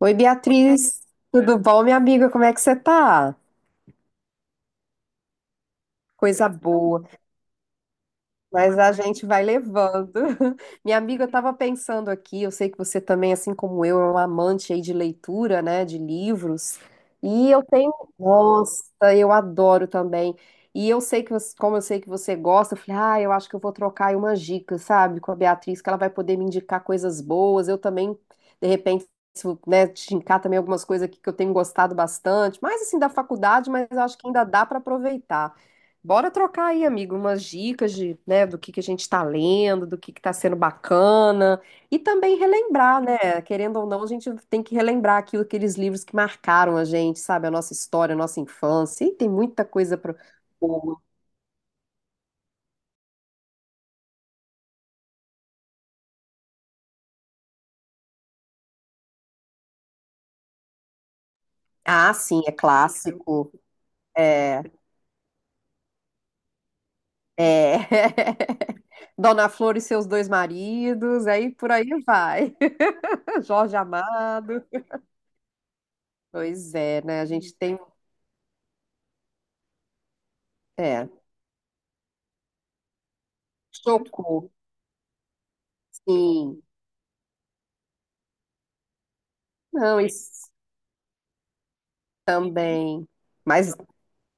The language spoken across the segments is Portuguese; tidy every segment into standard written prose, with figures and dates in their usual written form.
Oi, Beatriz, tudo bom, minha amiga? Como é que você tá? Coisa boa. Mas a gente vai levando. Minha amiga, eu estava pensando aqui, eu sei que você também, assim como eu, é um amante aí de leitura, né, de livros. E eu tenho, nossa, eu adoro também. E eu sei que, como eu sei que você gosta, eu falei, ah, eu acho que eu vou trocar aí umas dicas, sabe, com a Beatriz, que ela vai poder me indicar coisas boas. Eu também, de repente, se eu, né, te indicar também algumas coisas aqui que eu tenho gostado bastante, mais assim da faculdade, mas eu acho que ainda dá para aproveitar. Bora trocar aí, amigo, umas dicas de, né, do que a gente está lendo, do que está sendo bacana, e também relembrar, né? Querendo ou não, a gente tem que relembrar aquilo, aqueles livros que marcaram a gente, sabe? A nossa história, a nossa infância, e tem muita coisa para. Ah, sim, é clássico. É, é. Dona Flor e seus dois maridos, aí por aí vai. Jorge Amado. Pois é, né? A gente tem. É. Chocou, sim. Não, isso. Também. Mas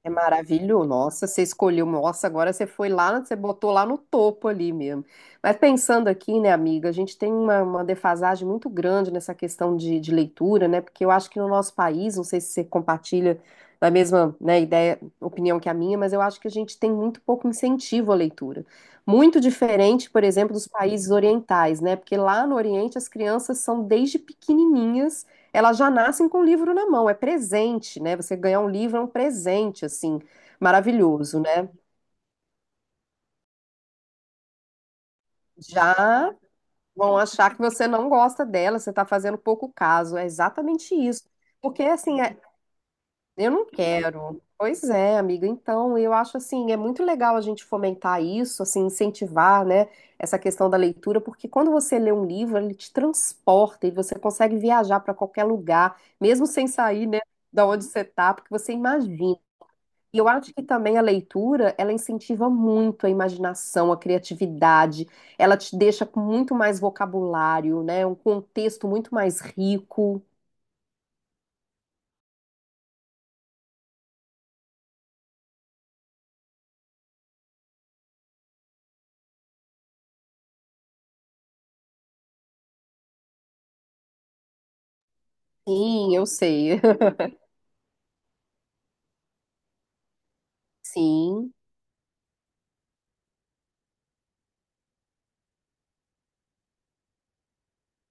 é maravilhoso. Nossa, você escolheu. Nossa, agora você foi lá, você botou lá no topo ali mesmo. Mas pensando aqui, né, amiga, a gente tem uma defasagem muito grande nessa questão de leitura, né? Porque eu acho que no nosso país, não sei se você compartilha da mesma, né, ideia, opinião que a minha, mas eu acho que a gente tem muito pouco incentivo à leitura. Muito diferente, por exemplo, dos países orientais, né? Porque lá no Oriente as crianças são desde pequenininhas elas já nascem com o livro na mão, é presente, né? Você ganhar um livro é um presente, assim, maravilhoso, né? Já vão achar que você não gosta dela, você está fazendo pouco caso, é exatamente isso. Porque, assim, é- eu não quero. Pois é, amiga, então eu acho, assim, é muito legal a gente fomentar isso, assim, incentivar, né, essa questão da leitura, porque quando você lê um livro, ele te transporta e você consegue viajar para qualquer lugar, mesmo sem sair, né, da onde você tá, porque você imagina. E eu acho que também a leitura, ela incentiva muito a imaginação, a criatividade, ela te deixa com muito mais vocabulário, né? Um contexto muito mais rico. Sim, eu sei. Sim,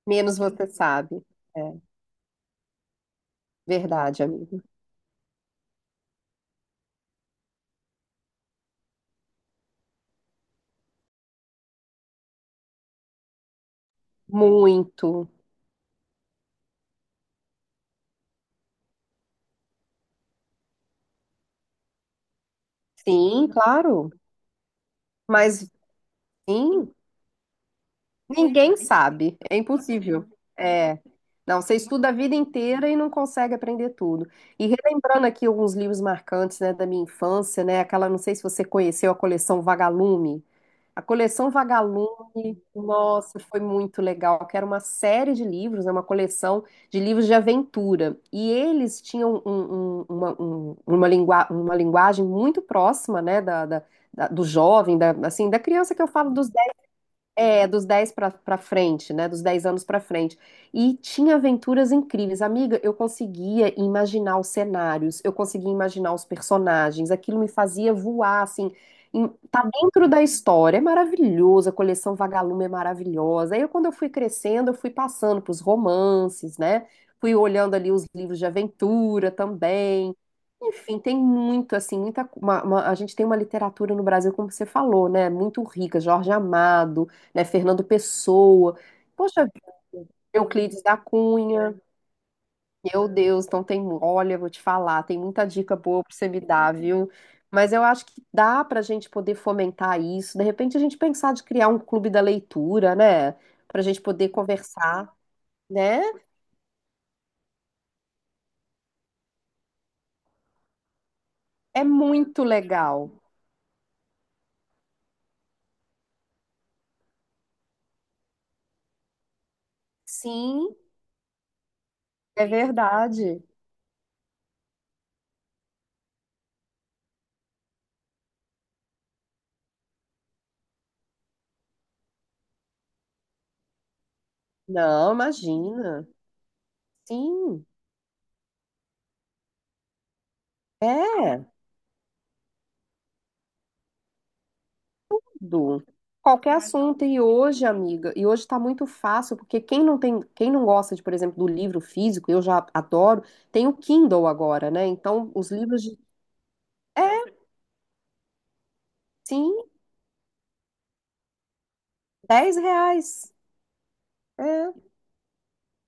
menos você sabe. É verdade, amigo. Muito. Sim, claro. Mas sim, ninguém sabe, é impossível. É. Não, você estuda a vida inteira e não consegue aprender tudo. E relembrando aqui alguns livros marcantes, né, da minha infância, né, aquela, não sei se você conheceu a coleção Vagalume. A coleção Vagalume, nossa, foi muito legal, que era uma série de livros, né, uma coleção de livros de aventura. E eles tinham uma linguagem muito próxima, né, do jovem, da, assim, da criança que eu falo dos 10 pra para frente, né? Dos 10 anos pra frente. E tinha aventuras incríveis. Amiga, eu conseguia imaginar os cenários, eu conseguia imaginar os personagens, aquilo me fazia voar, assim. Em- tá dentro da história, é maravilhoso, a coleção Vagalume é maravilhosa. Aí, quando eu fui crescendo, eu fui passando pros romances, né? Fui olhando ali os livros de aventura também. Enfim, tem muito, assim, muita. Co- uma- a gente tem uma literatura no Brasil, como você falou, né? Muito rica, Jorge Amado, né? Fernando Pessoa. Poxa vida, Euclides da Cunha. Meu Deus, então tem, olha, vou te falar, tem muita dica boa para você me dar, viu? Mas eu acho que dá para a gente poder fomentar isso. De repente a gente pensar de criar um clube da leitura, né? Para a gente poder conversar, né? É muito legal. Sim, é verdade. Não, imagina. Sim, é. Tudo. Qualquer assunto. E hoje, amiga, e hoje está muito fácil, porque quem não tem, quem não gosta de, por exemplo, do livro físico, eu já adoro, tem o Kindle agora, né? Então, os livros de. É, sim, R$ 10. É.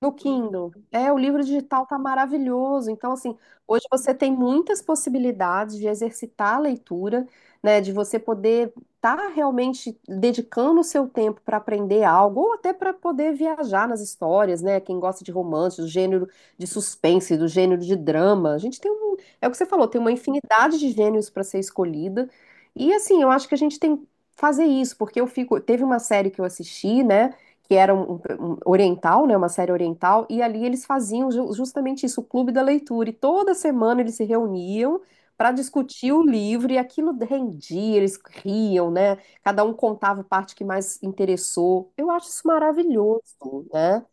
No Kindle. É, o livro digital tá maravilhoso. Então, assim, hoje você tem muitas possibilidades de exercitar a leitura, né? De você poder estar realmente dedicando o seu tempo para aprender algo, ou até para poder viajar nas histórias, né? Quem gosta de romance, do gênero de suspense, do gênero de drama. A gente tem um. É o que você falou, tem uma infinidade de gêneros para ser escolhida. E assim, eu acho que a gente tem que fazer isso, porque eu fico. Teve uma série que eu assisti, né? Que era um oriental, né, uma série oriental, e ali eles faziam justamente isso, o clube da leitura, e toda semana eles se reuniam para discutir o livro, e aquilo rendia, eles riam, né? Cada um contava a parte que mais interessou. Eu acho isso maravilhoso, né?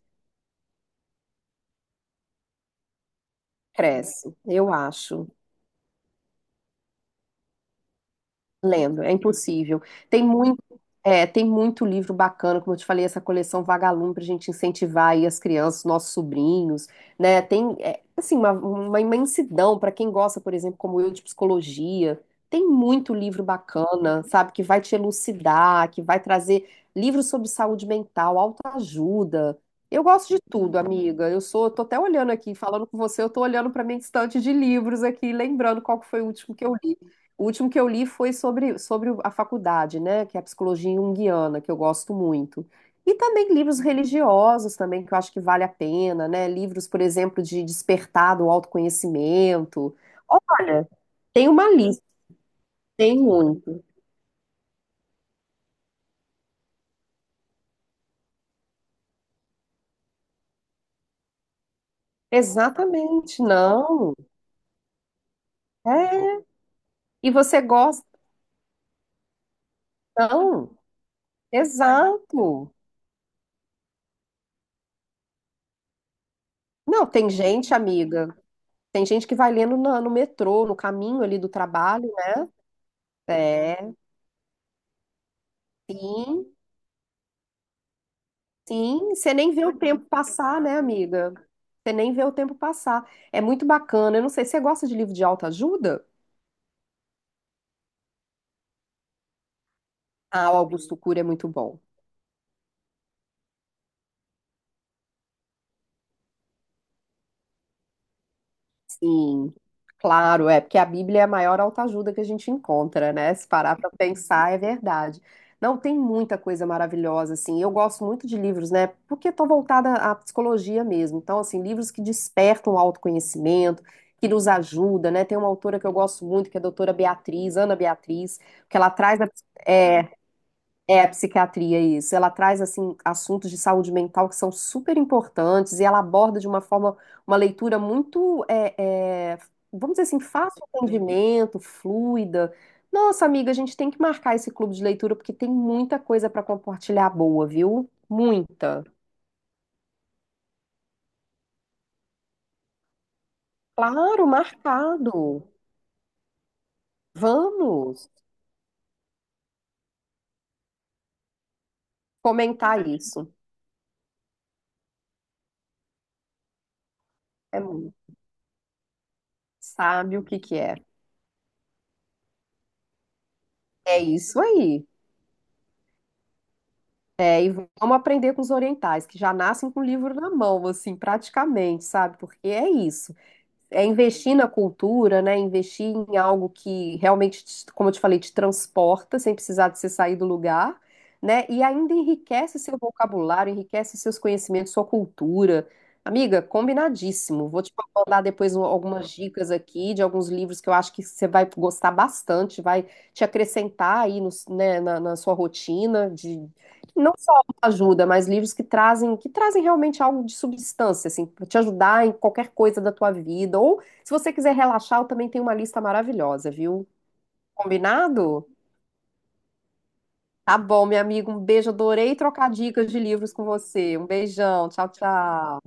Cresce, eu acho. Lendo, é impossível. Tem muito, tem muito livro bacana, como eu te falei, essa coleção Vagalume para a gente incentivar aí as crianças, nossos sobrinhos, né? Tem, é, assim, uma imensidão para quem gosta, por exemplo, como eu, de psicologia. Tem muito livro bacana, sabe, que vai te elucidar, que vai trazer livros sobre saúde mental, autoajuda. Eu gosto de tudo, amiga. Eu sou, tô até olhando aqui, falando com você, eu tô olhando para minha estante de livros aqui, lembrando qual que foi o último que eu li. O último que eu li foi sobre, sobre a faculdade, né, que é a psicologia junguiana, que eu gosto muito. E também livros religiosos também, que eu acho que vale a pena, né, livros, por exemplo, de despertar do autoconhecimento. Olha, tem uma lista, tem muito. Exatamente, não. É. E você gosta? Não, exato. Não, tem gente, amiga, tem gente que vai lendo no metrô, no caminho ali do trabalho, né? É, sim. Sim, você nem vê o tempo passar, né, amiga? Você nem vê o tempo passar. É muito bacana. Eu não sei, você gosta de livro de autoajuda? Ah, o Augusto Cury é muito bom. Sim, claro, é porque a Bíblia é a maior autoajuda que a gente encontra, né? Se parar para pensar, é verdade. Não, tem muita coisa maravilhosa, assim. Eu gosto muito de livros, né? Porque estou voltada à psicologia mesmo. Então, assim, livros que despertam o autoconhecimento, que nos ajuda, né? Tem uma autora que eu gosto muito, que é a doutora Beatriz, Ana Beatriz, que ela traz é, a psiquiatria, isso. Ela traz, assim, assuntos de saúde mental que são super importantes e ela aborda de uma forma, uma leitura muito, vamos dizer assim, fácil de entendimento, fluida. Nossa, amiga, a gente tem que marcar esse clube de leitura porque tem muita coisa para compartilhar boa, viu? Muita. Claro, marcado. Vamos comentar isso. É muito. Sabe o que que é? É isso aí. É. E vamos aprender com os orientais, que já nascem com o livro na mão, assim, praticamente, sabe? Porque é isso. É investir na cultura, né? Investir em algo que realmente, como eu te falei, te transporta, sem precisar de você sair do lugar, né? E ainda enriquece seu vocabulário, enriquece seus conhecimentos, sua cultura. Amiga, combinadíssimo. Vou te mandar depois algumas dicas aqui de alguns livros que eu acho que você vai gostar bastante, vai te acrescentar aí né, na sua rotina de não ajuda, mas livros que trazem realmente algo de substância, assim, para te ajudar em qualquer coisa da tua vida. Ou se você quiser relaxar, eu também tenho uma lista maravilhosa, viu? Combinado? Tá bom, meu amigo, um beijo, adorei trocar dicas de livros com você. Um beijão, tchau, tchau.